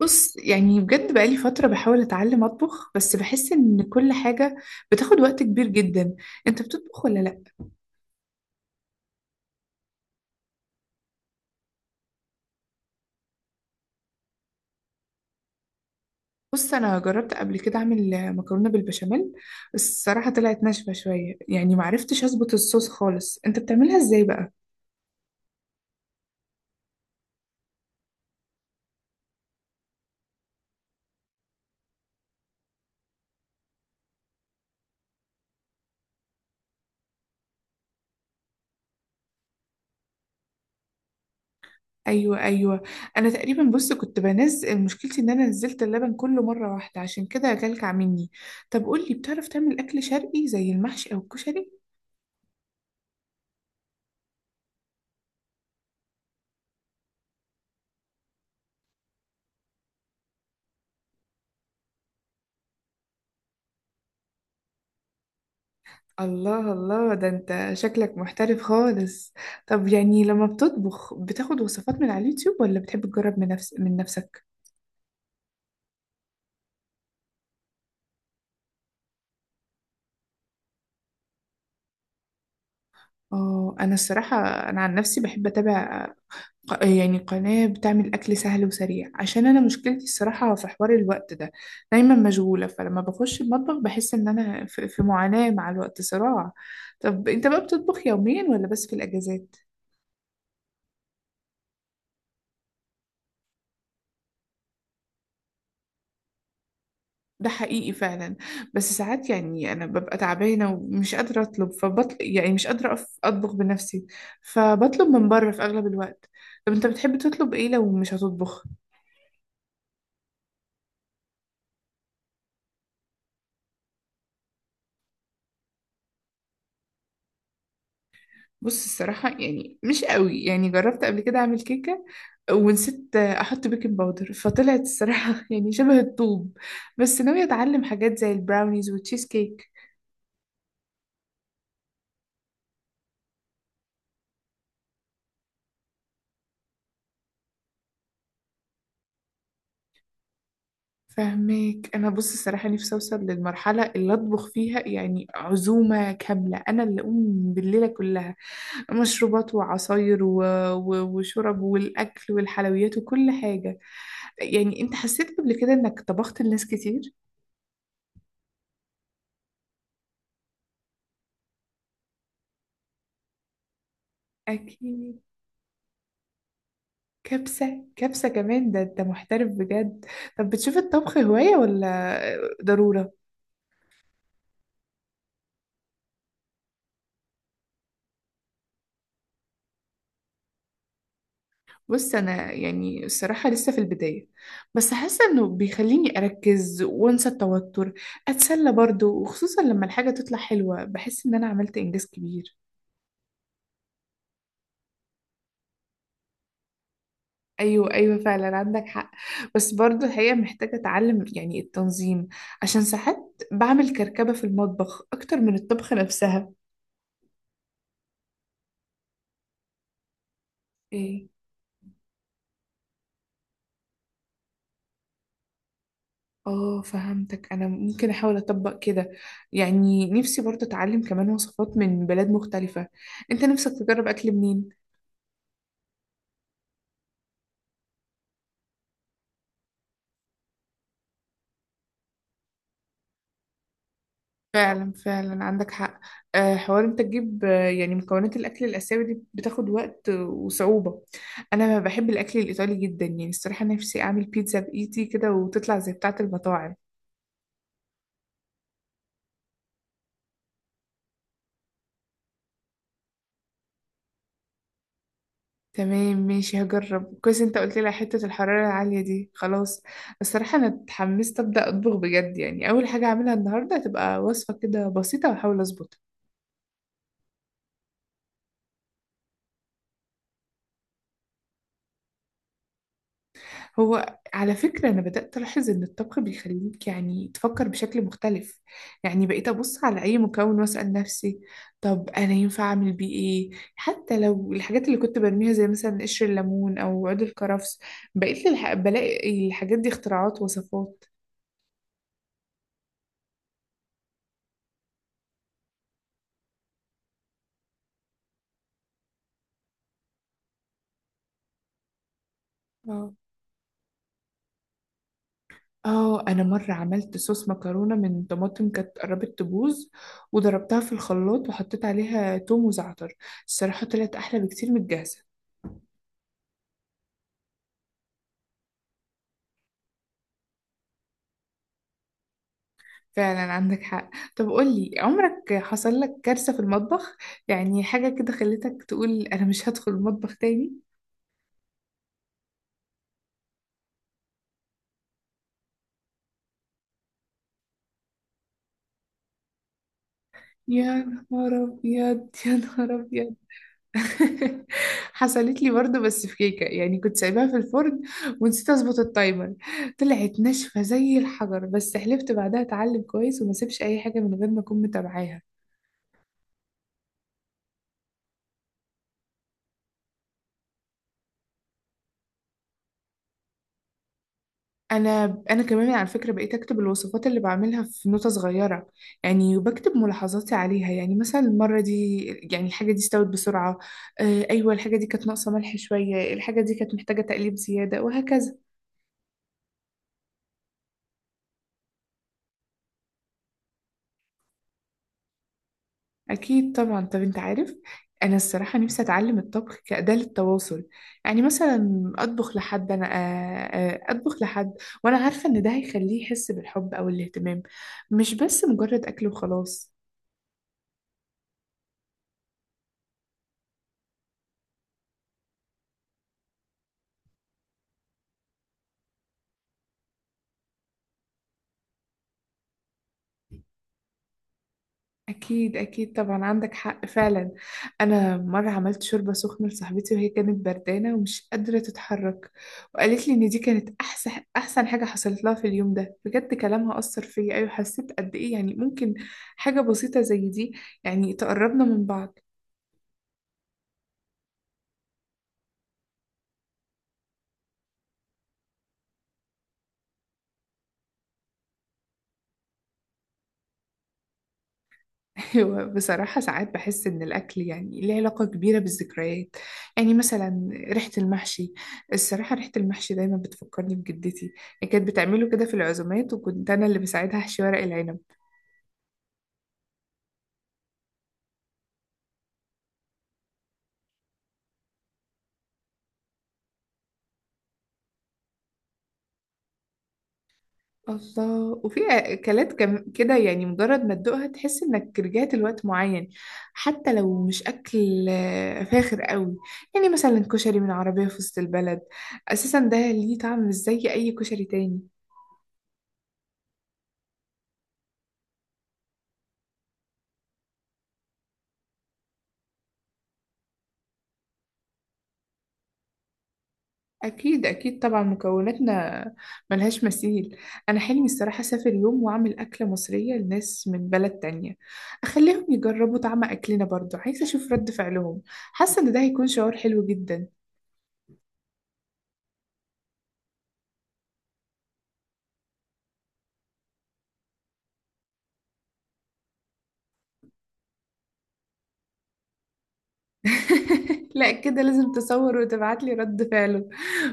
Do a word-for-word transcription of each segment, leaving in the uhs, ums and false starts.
بص، يعني بجد بقالي فترة بحاول أتعلم أطبخ، بس بحس إن كل حاجة بتاخد وقت كبير جدا. أنت بتطبخ ولا لأ؟ بص، أنا جربت قبل كده أعمل مكرونة بالبشاميل، بس الصراحة طلعت ناشفة شوية، يعني معرفتش أظبط الصوص خالص. أنت بتعملها إزاي بقى؟ أيوة أيوة. أنا تقريبا بص كنت بنزل مشكلتي إن أنا نزلت اللبن كله مرة واحدة، عشان كده كلكع مني. طب قولي، بتعرف تعمل أكل شرقي زي المحشي أو الكشري؟ الله الله، ده انت شكلك محترف خالص. طب يعني لما بتطبخ بتاخد وصفات من على اليوتيوب ولا بتحب تجرب من نفس من نفسك؟ اه انا الصراحة، انا عن نفسي بحب اتابع ق- يعني قناة بتعمل اكل سهل وسريع، عشان انا مشكلتي الصراحة في حوار الوقت ده. دايما مشغولة، فلما بخش المطبخ بحس ان انا في في معاناة مع الوقت، صراع. طب انت بقى بتطبخ يوميا ولا بس في الاجازات؟ ده حقيقي فعلا. بس ساعات يعني انا ببقى تعبانه ومش قادره اطلب، فبطل، يعني مش قادره أف- اطبخ بنفسي، فبطلب من بره في اغلب الوقت. طب انت بتحب تطلب ايه لو مش هتطبخ؟ بص، الصراحه يعني مش قوي. يعني جربت قبل كده اعمل كيكه ونسيت احط بيكنج باودر، فطلعت الصراحه يعني شبه الطوب. بس ناويه اتعلم حاجات زي البراونيز والتشيز كيك. فهماك. انا بص، الصراحه نفسي اوصل للمرحله اللي اطبخ فيها يعني عزومه كامله، انا اللي اقوم بالليله كلها. مشروبات وعصاير و... و... وشرب والاكل والحلويات وكل حاجه. يعني انت حسيت قبل كده انك طبخت لناس كتير؟ اكيد. كبسه كبسه كمان؟ ده انت محترف بجد. طب بتشوف الطبخ هوايه ولا ضروره؟ بص، انا يعني الصراحه لسه في البدايه، بس حاسه انه بيخليني اركز وانسى التوتر، اتسلى برضه. وخصوصا لما الحاجه تطلع حلوه بحس ان انا عملت انجاز كبير. ايوه ايوه، فعلا عندك حق. بس برضه الحقيقه محتاجه اتعلم يعني التنظيم، عشان ساعات بعمل كركبه في المطبخ اكتر من الطبخه نفسها. ايه؟ اه فهمتك. انا ممكن احاول اطبق كده. يعني نفسي برضه اتعلم كمان وصفات من بلاد مختلفه. انت نفسك تجرب اكل منين؟ فعلا فعلا عندك حق. آه، حوار انت تجيب. آه، يعني مكونات الاكل الاسيوي دي بتاخد وقت وصعوبه. انا بحب الاكل الايطالي جدا. يعني الصراحه نفسي اعمل بيتزا بايدي كده وتطلع زي بتاعه المطاعم. تمام ماشي، هجرب كويس. انت قلت لي على حته الحراره العاليه دي، خلاص. الصراحه انا اتحمست ابدا اطبخ بجد. يعني اول حاجه هعملها النهارده هتبقى وصفه كده بسيطه واحاول اظبطها. هو على فكرة أنا بدأت ألاحظ إن الطبخ بيخليك يعني تفكر بشكل مختلف. يعني بقيت أبص على أي مكون وأسأل نفسي، طب أنا ينفع أعمل بيه إيه، حتى لو الحاجات اللي كنت برميها زي مثلا قشر الليمون أو عود الكرفس. بقيت للح... بلاقي الحاجات دي اختراعات وصفات. اه. آه، أنا مرة عملت صوص مكرونة من طماطم كانت قربت تبوظ وضربتها في الخلاط وحطيت عليها توم وزعتر. الصراحة طلعت أحلى بكتير من الجاهزة. فعلا عندك حق. طب قولي، عمرك حصل لك كارثة في المطبخ؟ يعني حاجة كده خلتك تقول أنا مش هدخل المطبخ تاني؟ يا نهار أبيض، يا نهار أبيض. حصلت لي برضه بس في كيكة. يعني كنت سايباها في الفرن ونسيت أظبط التايمر. طلعت ناشفة زي الحجر، بس حلفت بعدها أتعلم كويس وما أسيبش أي حاجة من غير ما أكون متابعاها. انا انا كمان على فكره بقيت اكتب الوصفات اللي بعملها في نوتة صغيره، يعني وبكتب ملاحظاتي عليها. يعني مثلا المره دي يعني الحاجه دي استوت بسرعه. آه ايوه، الحاجه دي كانت ناقصه ملح شويه، الحاجه دي كانت محتاجه تقليب زياده، وهكذا. اكيد طبعا. طب انت عارف، انا الصراحه نفسي اتعلم الطبخ كاداه للتواصل. يعني مثلا اطبخ لحد، انا آه آه اطبخ لحد، وانا عارفه ان ده هيخليه يحس بالحب او الاهتمام، مش بس مجرد اكل وخلاص. أكيد أكيد طبعا، عندك حق فعلا. أنا مرة عملت شوربة سخنة لصاحبتي وهي كانت بردانة ومش قادرة تتحرك، وقالت لي إن دي كانت أحسن أحسن حاجة حصلت لها في اليوم ده. بجد كلامها أثر فيا. أيوة، حسيت قد إيه يعني ممكن حاجة بسيطة زي دي يعني تقربنا من بعض. هو بصراحة ساعات بحس إن الأكل يعني ليه علاقة كبيرة بالذكريات. يعني مثلا ريحة المحشي، الصراحة ريحة المحشي دايما بتفكرني بجدتي. هي كانت بتعمله كده في العزومات، وكنت أنا اللي بساعدها أحشي ورق العنب. الله، وفي أكلات كم كده يعني مجرد ما تدوقها تحس إنك رجعت لوقت معين، حتى لو مش أكل آه، فاخر قوي. يعني مثلا كشري من عربية في وسط البلد، أساسا ده ليه طعم مش زي أي كشري تاني. أكيد أكيد طبعا، مكوناتنا ملهاش مثيل. أنا حلمي الصراحة أسافر يوم وأعمل أكلة مصرية لناس من بلد تانية، أخليهم يجربوا طعم أكلنا. برضو عايزة أشوف رد فعلهم، حاسة إن ده هيكون شعور حلو جدا. لا كده لازم تصور وتبعتلي رد فعله.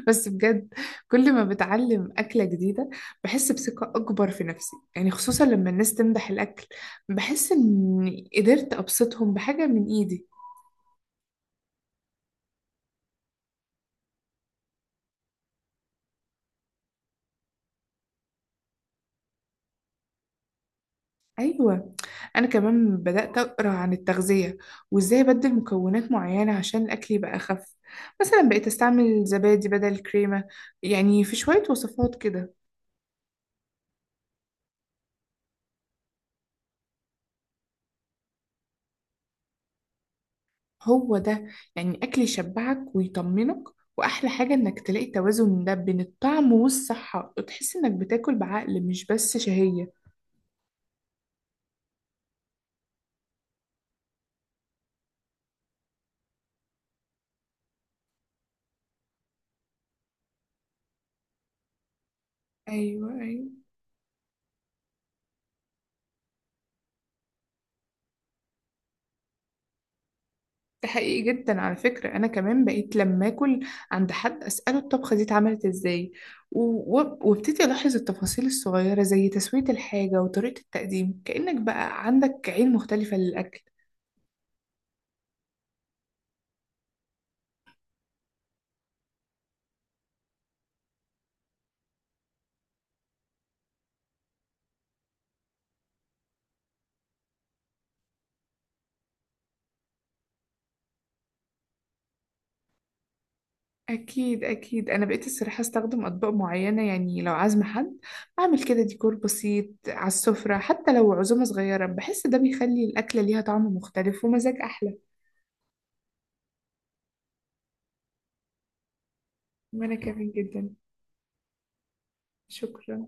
بس بجد، كل ما بتعلم أكلة جديدة بحس بثقة أكبر في نفسي. يعني خصوصا لما الناس تمدح الأكل، بحس إني قدرت أبسطهم بحاجة من إيدي. أيوة. أنا كمان بدأت أقرأ عن التغذية وإزاي أبدل مكونات معينة عشان الأكل يبقى أخف. مثلا بقيت أستعمل زبادي بدل الكريمة، يعني في شوية وصفات كده. هو ده، يعني أكل يشبعك ويطمنك. وأحلى حاجة إنك تلاقي توازن ده بين الطعم والصحة، وتحس إنك بتاكل بعقل مش بس شهية. أيوة أيوة، ده حقيقي جدا. على فكرة أنا كمان بقيت لما أكل عند حد أسأله الطبخة دي اتعملت إزاي، و- و- وابتدي ألاحظ التفاصيل الصغيرة زي تسوية الحاجة وطريقة التقديم. كأنك بقى عندك عين مختلفة للأكل. أكيد أكيد. أنا بقيت الصراحة أستخدم أطباق معينة. يعني لو عازمة حد أعمل كده ديكور بسيط على السفرة، حتى لو عزومة صغيرة، بحس ده بيخلي الأكلة ليها طعم مختلف ومزاج أحلى. وأنا كمان جدا. شكرا.